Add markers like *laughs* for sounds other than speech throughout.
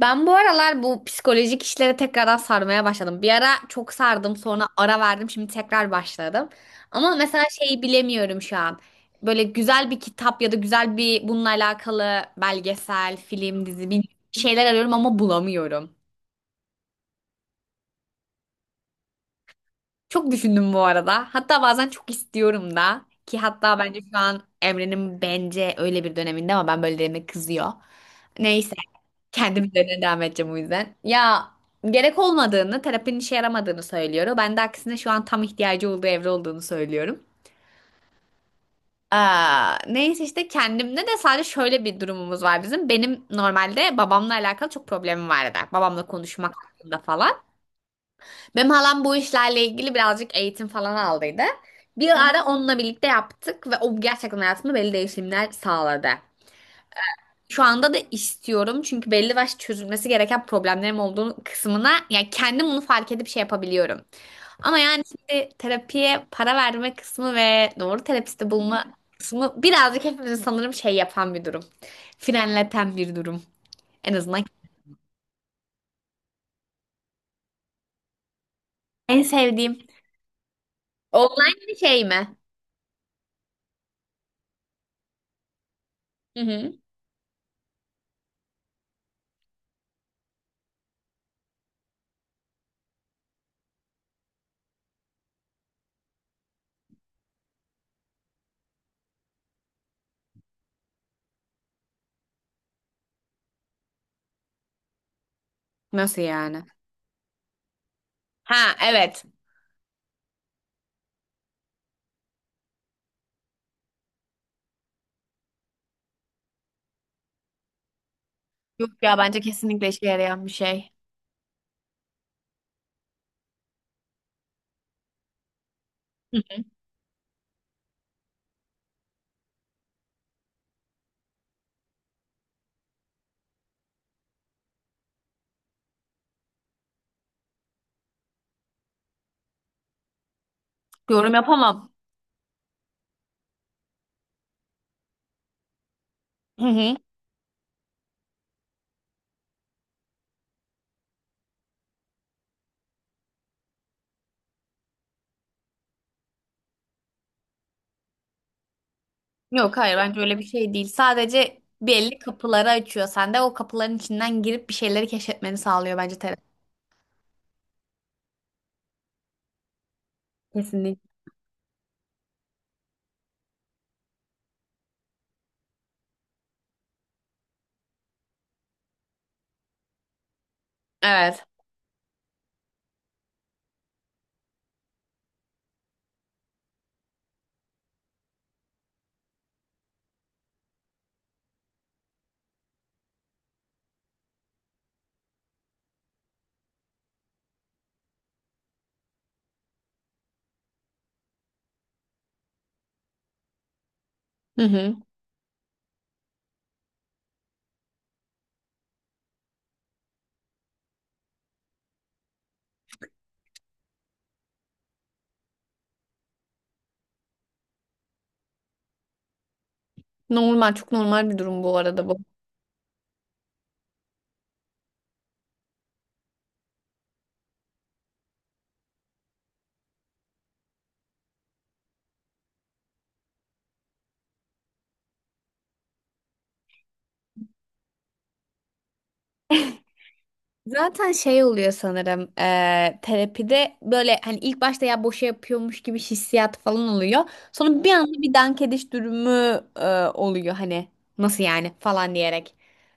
Ben bu aralar bu psikolojik işlere tekrardan sarmaya başladım. Bir ara çok sardım, sonra ara verdim, şimdi tekrar başladım. Ama mesela şeyi bilemiyorum şu an. Böyle güzel bir kitap ya da güzel bir bununla alakalı belgesel, film, dizi bir şeyler arıyorum ama bulamıyorum. Çok düşündüm bu arada. Hatta bazen çok istiyorum da ki hatta bence şu an Emre'nin bence öyle bir döneminde ama ben böyle dediğime kızıyor. Neyse. Kendi üzerine devam edeceğim o yüzden. Ya gerek olmadığını, terapinin işe yaramadığını söylüyor. Ben de aksine şu an tam ihtiyacı olduğu evre olduğunu söylüyorum. Aa, neyse işte kendimde de sadece şöyle bir durumumuz var bizim. Benim normalde babamla alakalı çok problemim vardı. Babamla konuşmak hakkında falan. Benim halam bu işlerle ilgili birazcık eğitim falan aldıydı. Bir ara onunla birlikte yaptık ve o gerçekten hayatımda belli değişimler sağladı. Şu anda da istiyorum çünkü belli başlı çözülmesi gereken problemlerim olduğunu kısmına yani kendim bunu fark edip şey yapabiliyorum. Ama yani şimdi terapiye para verme kısmı ve doğru terapisti bulma kısmı birazcık hepimizi sanırım şey yapan bir durum. Frenleten bir durum. En azından en sevdiğim. Online bir şey mi? Hı hı. Nasıl yani? Ha, evet. Yok ya bence kesinlikle işe yarayan bir şey. Hı hı. Yorum yapamam. Hı hı. Yok, hayır, bence öyle bir şey değil. Sadece belli kapıları açıyor. Sen de o kapıların içinden girip bir şeyleri keşfetmeni sağlıyor bence terapi. Kesinlikle. Evet. Hı hı. Normal, çok normal bir durum bu arada bu. Zaten şey oluyor sanırım terapide böyle hani ilk başta ya boşa yapıyormuş gibi hissiyat falan oluyor. Sonra bir anda bir dank ediş durumu oluyor hani nasıl yani falan diyerek.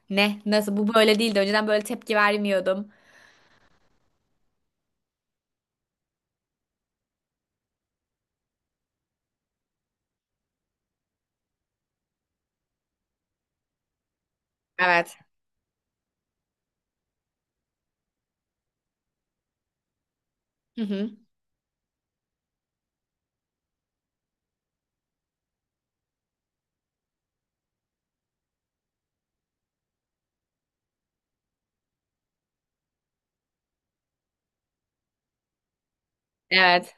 Ne? Nasıl? Bu böyle değildi. Önceden böyle tepki vermiyordum. Evet. Hı hı. Evet.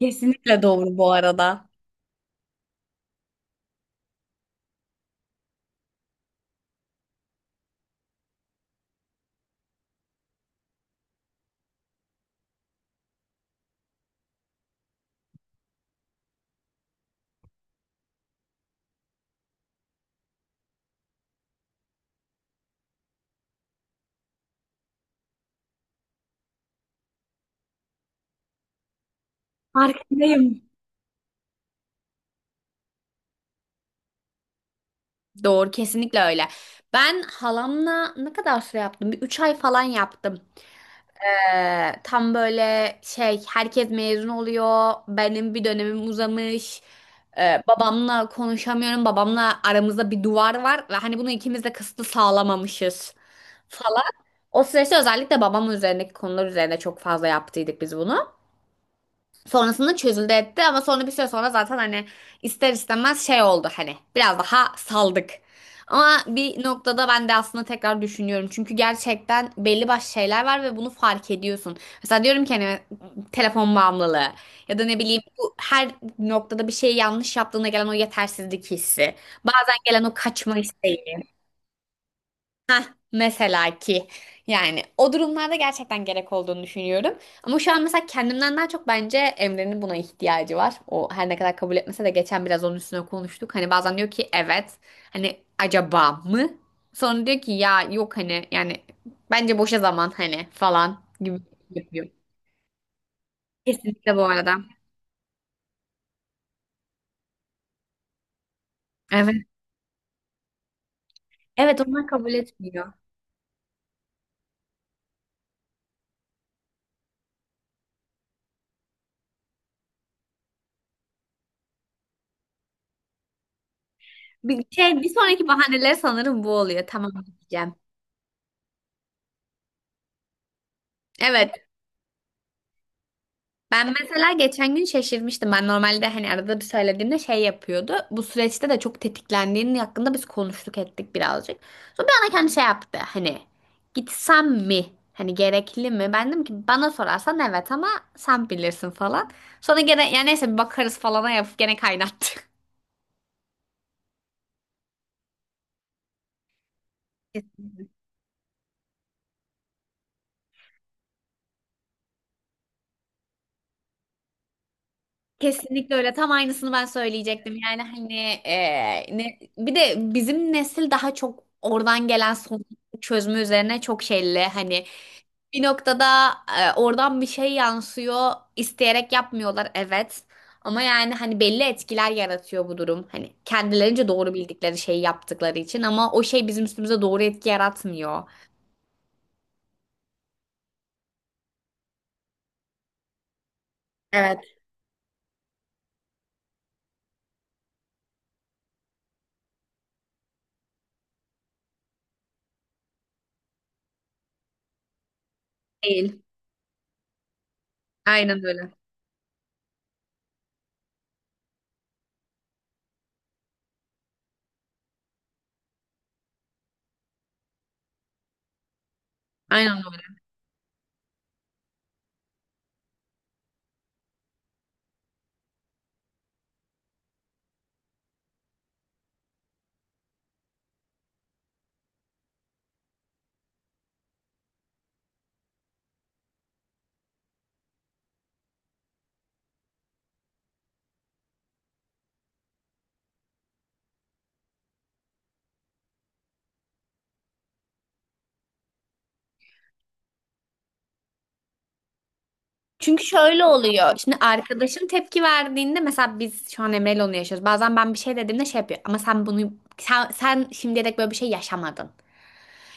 Kesinlikle doğru bu arada. Farkındayım. Doğru, kesinlikle öyle. Ben halamla ne kadar süre yaptım? Bir 3 ay falan yaptım. Tam böyle şey herkes mezun oluyor. Benim bir dönemim uzamış. Babamla konuşamıyorum. Babamla aramızda bir duvar var ve hani bunu ikimiz de kısıtlı sağlamamışız falan. O süreçte özellikle babam üzerindeki konular üzerine çok fazla yaptıydık biz bunu. Sonrasında çözüldü etti ama sonra bir süre sonra zaten hani ister istemez şey oldu hani biraz daha saldık. Ama bir noktada ben de aslında tekrar düşünüyorum. Çünkü gerçekten belli başlı şeyler var ve bunu fark ediyorsun. Mesela diyorum ki hani telefon bağımlılığı ya da ne bileyim bu her noktada bir şeyi yanlış yaptığında gelen o yetersizlik hissi. Bazen gelen o kaçma isteği. Mesela ki yani o durumlarda gerçekten gerek olduğunu düşünüyorum. Ama şu an mesela kendimden daha çok bence Emre'nin buna ihtiyacı var. O her ne kadar kabul etmese de geçen biraz onun üstüne konuştuk. Hani bazen diyor ki evet, hani acaba mı? Sonra diyor ki ya yok hani yani bence boşa zaman hani falan gibi yapıyor. Kesinlikle bu arada. Evet. Evet, onlar kabul etmiyor. Bir şey bir sonraki bahaneler sanırım bu oluyor. Tamam diyeceğim. Evet. Ben mesela geçen gün şaşırmıştım. Ben normalde hani arada bir söylediğimde şey yapıyordu. Bu süreçte de çok tetiklendiğinin hakkında biz konuştuk ettik birazcık. Sonra bir ana kendi şey yaptı. Hani gitsem mi? Hani gerekli mi? Ben dedim ki bana sorarsan evet ama sen bilirsin falan. Sonra gene yani neyse bir bakarız falana yapıp gene kaynattı. *laughs* Kesinlikle öyle. Tam aynısını ben söyleyecektim. Yani hani bir de bizim nesil daha çok oradan gelen sorun çözme üzerine çok şeyli hani bir noktada oradan bir şey yansıyor. İsteyerek yapmıyorlar, evet. Ama yani hani belli etkiler yaratıyor bu durum. Hani kendilerince doğru bildikleri şeyi yaptıkları için ama o şey bizim üstümüze doğru etki yaratmıyor. Evet. Değil. Aynen öyle. Aynen öyle. Çünkü şöyle oluyor. *laughs* Şimdi arkadaşım tepki verdiğinde mesela biz şu an Emre'yle onu yaşıyoruz. Bazen ben bir şey dediğimde şey yapıyor. Ama sen bunu sen şimdiye dek böyle bir şey yaşamadın.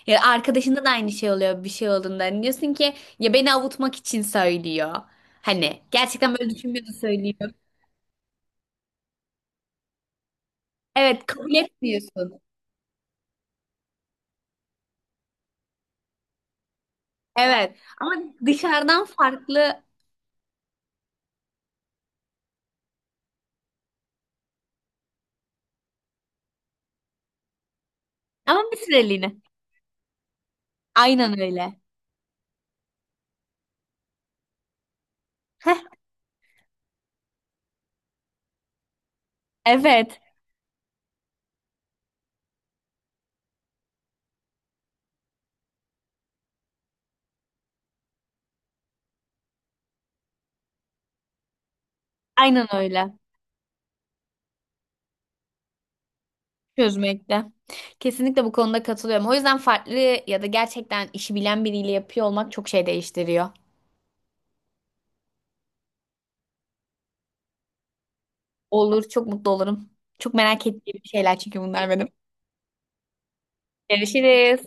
Ya arkadaşında da aynı şey oluyor bir şey olduğunda. Hani diyorsun ki ya beni avutmak için söylüyor. Hani gerçekten böyle düşünmüyordu söylüyor. Evet, kabul etmiyorsun. Evet ama dışarıdan farklı ama bir süreliğine. Aynen öyle. Heh, evet, aynen öyle. Çözmekte. Kesinlikle bu konuda katılıyorum. O yüzden farklı ya da gerçekten işi bilen biriyle yapıyor olmak çok şey değiştiriyor. Olur, çok mutlu olurum. Çok merak ettiğim şeyler çünkü bunlar benim. Görüşürüz.